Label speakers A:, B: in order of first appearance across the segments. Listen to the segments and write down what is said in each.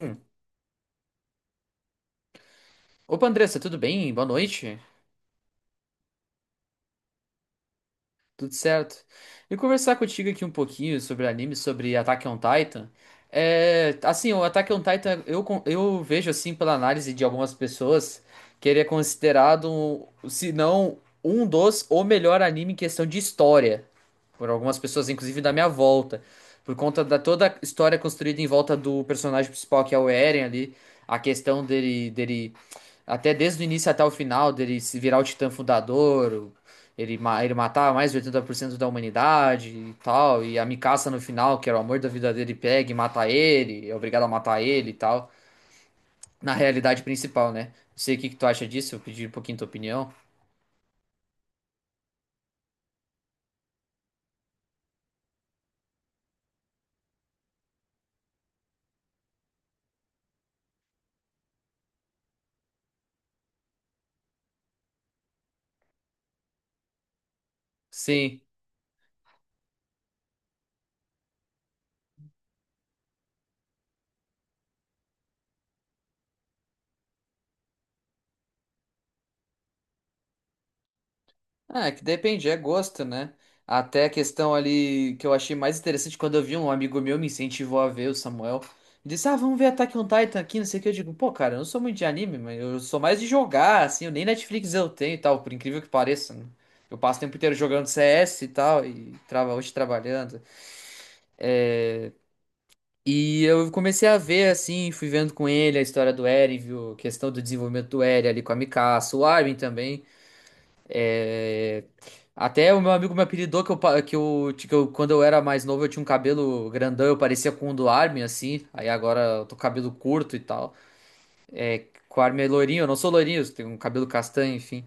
A: Hum. Opa, Andressa, tudo bem? Boa noite. Tudo certo. E conversar contigo aqui um pouquinho sobre anime, sobre Attack on Titan. É, assim, o Attack on Titan, eu vejo assim pela análise de algumas pessoas que ele é considerado, se não um dos, o melhor anime em questão de história. Por algumas pessoas, inclusive da minha volta. Por conta da toda a história construída em volta do personagem principal, que é o Eren ali. A questão dele até desde o início até o final, dele se virar o Titã Fundador, ele matava mais de 80% da humanidade e tal. E a Mikasa no final, que era o amor da vida dele, pega e mata ele, é obrigado a matar ele e tal. Na realidade principal, né? Não sei o que que tu acha disso, eu pedi um pouquinho tua opinião. Sim. Ah, é que depende, é gosto, né? Até a questão ali que eu achei mais interessante quando eu vi um amigo meu me incentivou a ver o Samuel. Ele disse, ah, vamos ver Attack on Titan aqui, não sei o que. Eu digo, pô, cara, eu não sou muito de anime, mas eu sou mais de jogar, assim, eu nem Netflix eu tenho e tal, por incrível que pareça, né? Eu passo o tempo inteiro jogando CS e tal, e trava hoje trabalhando. É, e eu comecei a ver, assim, fui vendo com ele a história do Eren, viu? A questão do desenvolvimento do Eren ali com a Mikasa, o Armin também. é, Até o meu amigo me apelidou que eu, quando eu era mais novo, eu tinha um cabelo grandão, eu parecia com o do Armin, assim. Aí agora eu tô com cabelo curto e tal. O Armin é loirinho, eu não sou loirinho, tenho um cabelo castanho, enfim.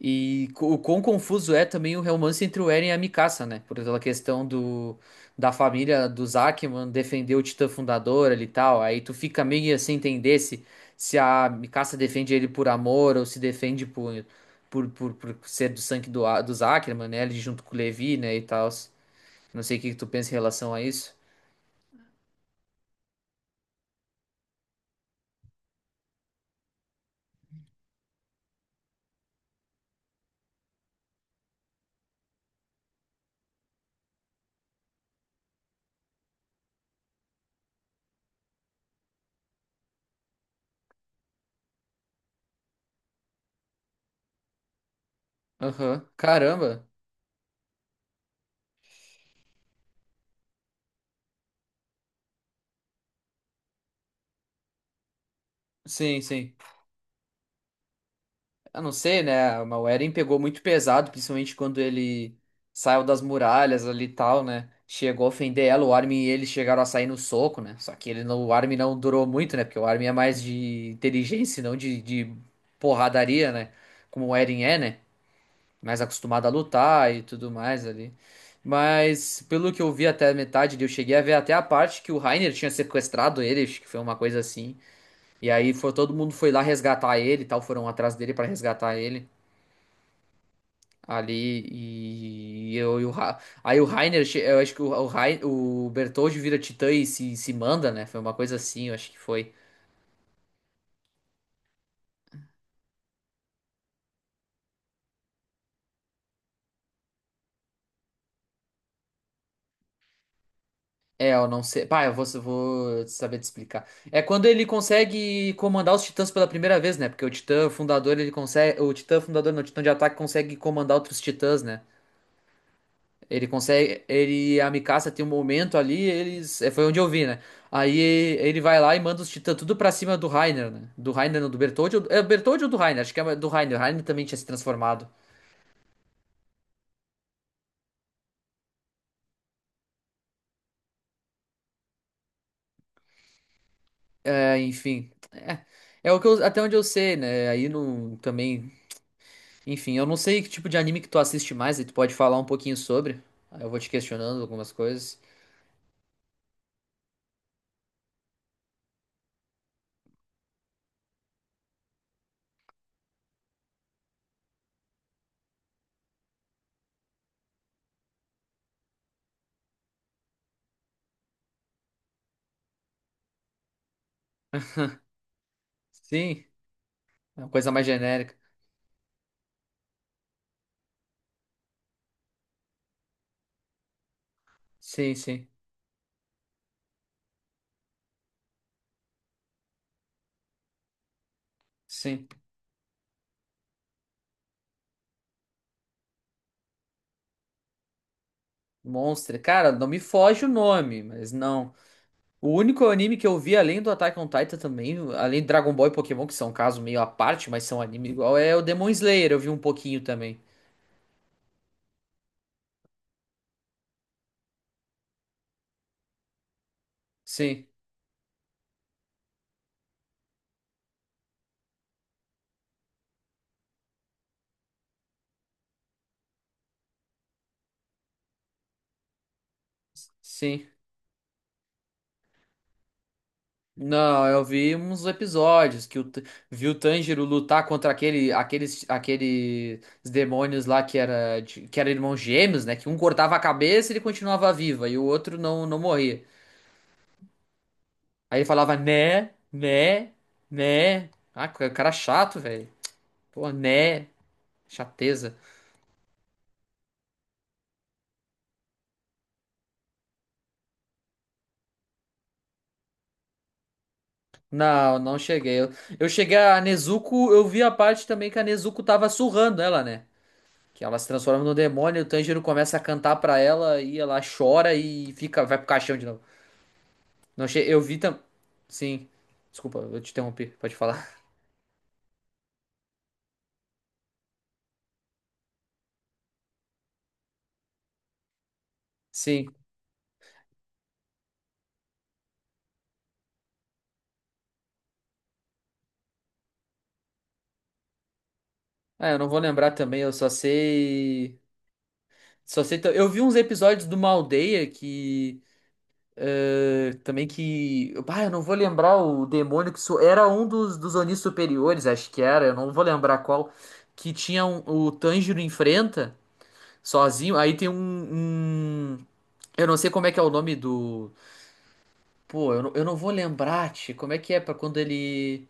A: O quão confuso é também o romance entre o Eren e a Mikasa, né? Por aquela questão do, da família dos Ackman defender o Titã Fundador ali e tal. Aí tu fica meio sem entender se a Mikasa defende ele por amor ou se defende por ser do sangue dos Ackerman, né? Ali junto com o Levi, né? E tal. Não sei o que que tu pensa em relação a isso. Aham. Caramba. Sim, sim. Eu não sei, né? O Eren pegou muito pesado, principalmente quando ele saiu das muralhas ali e tal, né? Chegou a ofender ela, o Armin e ele chegaram a sair no soco, né? Só que ele não, o Armin não durou muito, né? Porque o Armin é mais de inteligência, e não de, de porradaria, né? Como o Eren é, né? Mais acostumado a lutar e tudo mais ali. Mas pelo que eu vi até a metade, eu cheguei a ver até a parte que o Reiner tinha sequestrado ele, acho que foi uma coisa assim. E aí foi, todo mundo foi lá resgatar ele e tal, foram atrás dele pra resgatar ele. Ali e eu e aí o Rainer, eu acho que o Bertoldi vira Titã e se manda, né? Foi uma coisa assim, eu acho que foi. É, eu não sei. Pá, eu vou saber te explicar. É quando ele consegue comandar os Titãs pela primeira vez, né? Porque o Titã fundador, ele consegue, o Titã fundador, não, o Titã de ataque consegue comandar outros Titãs, né? Ele consegue. Ele, a Mikasa tem um momento ali, eles. Foi onde eu vi, né? Aí ele vai lá e manda os titãs tudo pra cima do Reiner, né? Do Reiner, não, do Bertholdt. É o Bertholdt ou do Reiner? Acho que é do Reiner. O Reiner também tinha se transformado. É, enfim. Até onde eu sei, né? Aí no, também. Enfim, eu não sei que tipo de anime que tu assiste mais, aí tu pode falar um pouquinho sobre. Aí eu vou te questionando algumas coisas. Sim, é uma coisa mais genérica. Sim, sim, sim. Monster. Cara, não me foge o nome, mas não. O único anime que eu vi além do Attack on Titan também, além de Dragon Ball e Pokémon, que são um caso meio à parte, mas são anime igual, é o Demon Slayer, eu vi um pouquinho também. Sim, sim. Não, eu vi uns episódios vi o Tanjiro lutar contra aqueles demônios lá que era irmãos gêmeos, né? Que um cortava a cabeça e ele continuava viva e o outro não, não morria. Aí ele falava né, né, né. Ah, cara é chato, velho. Pô, né, chateza. Não, não cheguei. Eu cheguei a Nezuko, eu vi a parte também que a Nezuko tava surrando ela, né? Que ela se transforma no demônio, o Tanjiro começa a cantar pra ela e ela chora e fica, vai pro caixão de novo. Não. Eu vi também. Sim. Desculpa, eu te interrompi, pode falar. Sim. Ah, eu não vou lembrar também, eu só sei. Só sei. Eu vi uns episódios de uma aldeia que. É, também que. Ah, eu não vou lembrar o demônio que. Era um dos Onis superiores, acho que era, eu não vou lembrar qual. Que tinha o Tanjiro enfrenta sozinho. Aí tem um. Eu não sei como é que é o nome do. Pô, eu não vou lembrar, tchê, como é que é pra quando ele.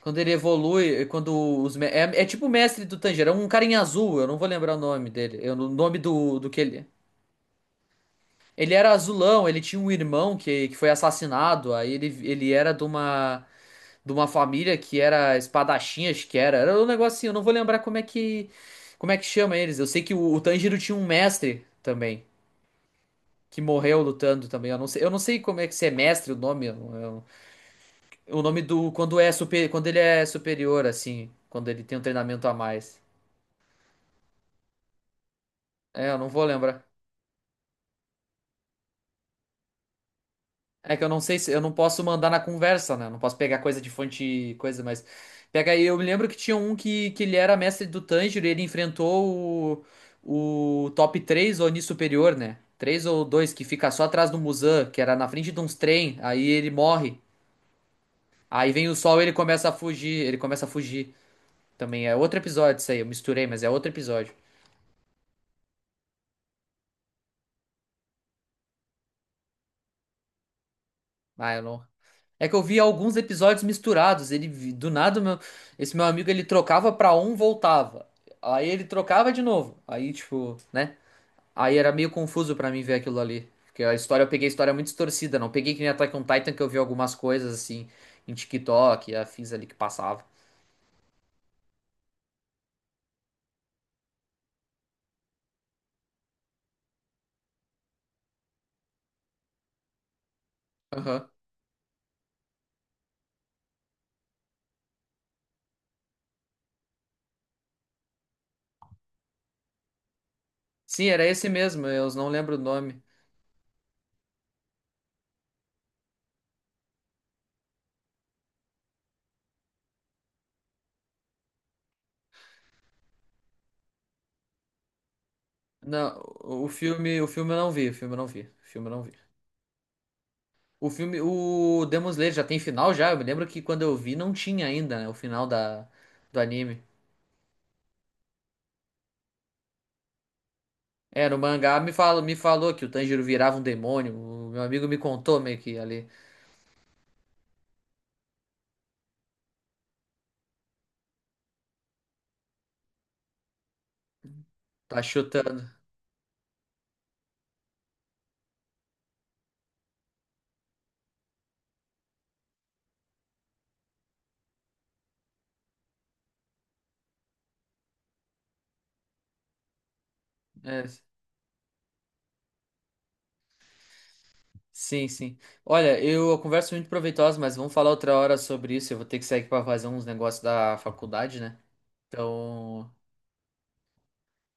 A: Quando ele evolui, quando os. É tipo o mestre do Tanjiro, é um cara em azul, eu não vou lembrar o nome dele. Eu, o nome do que ele. É. Ele, era azulão, ele tinha um irmão que foi assassinado, aí Ele era de uma, família que era espadachim, acho que era. Era um negocinho, eu não vou lembrar como é que chama eles. Eu sei que o Tanjiro tinha um mestre também, que morreu lutando também. Eu não sei como é que se é mestre o nome, o nome do, quando é super, quando ele é superior, assim, quando ele tem um treinamento a mais. É, eu não vou lembrar. É que eu não sei se eu não posso mandar na conversa, né? Eu não posso pegar coisa de fonte, coisa, mas pega aí. Eu me lembro que tinha um que ele era mestre do Tanjiro e ele enfrentou o top 3 Oni superior, né? 3 ou dois que fica só atrás do Muzan, que era na frente de uns trem, aí ele morre. Aí vem o sol e ele começa a fugir, ele começa a fugir. Também é outro episódio isso aí, eu misturei, mas é outro episódio. Ah, eu não. É que eu vi alguns episódios misturados. Do nada meu, esse meu amigo ele trocava pra um, voltava. Aí ele trocava de novo. Aí tipo, né? Aí era meio confuso pra mim ver aquilo ali, porque a história eu peguei a história muito distorcida, não peguei que nem Attack on Titan que eu vi algumas coisas assim em TikTok, e afins ali que passava. Aham. Sim, era esse mesmo, eu não lembro o nome. Não, o filme, o filme eu não vi, o filme eu não vi, o filme eu não vi. O filme, o Demon Slayer já tem final já? Eu me lembro que quando eu vi não tinha ainda, né, o final da, do anime. É, no mangá me falou que o Tanjiro virava um demônio. O meu amigo me contou meio que ali. Tá chutando. É, sim, sim. Olha, eu, a conversa é muito proveitosa, mas vamos falar outra hora sobre isso. Eu vou ter que sair aqui pra fazer uns negócios da faculdade, né? Então,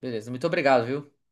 A: beleza. Muito obrigado, viu?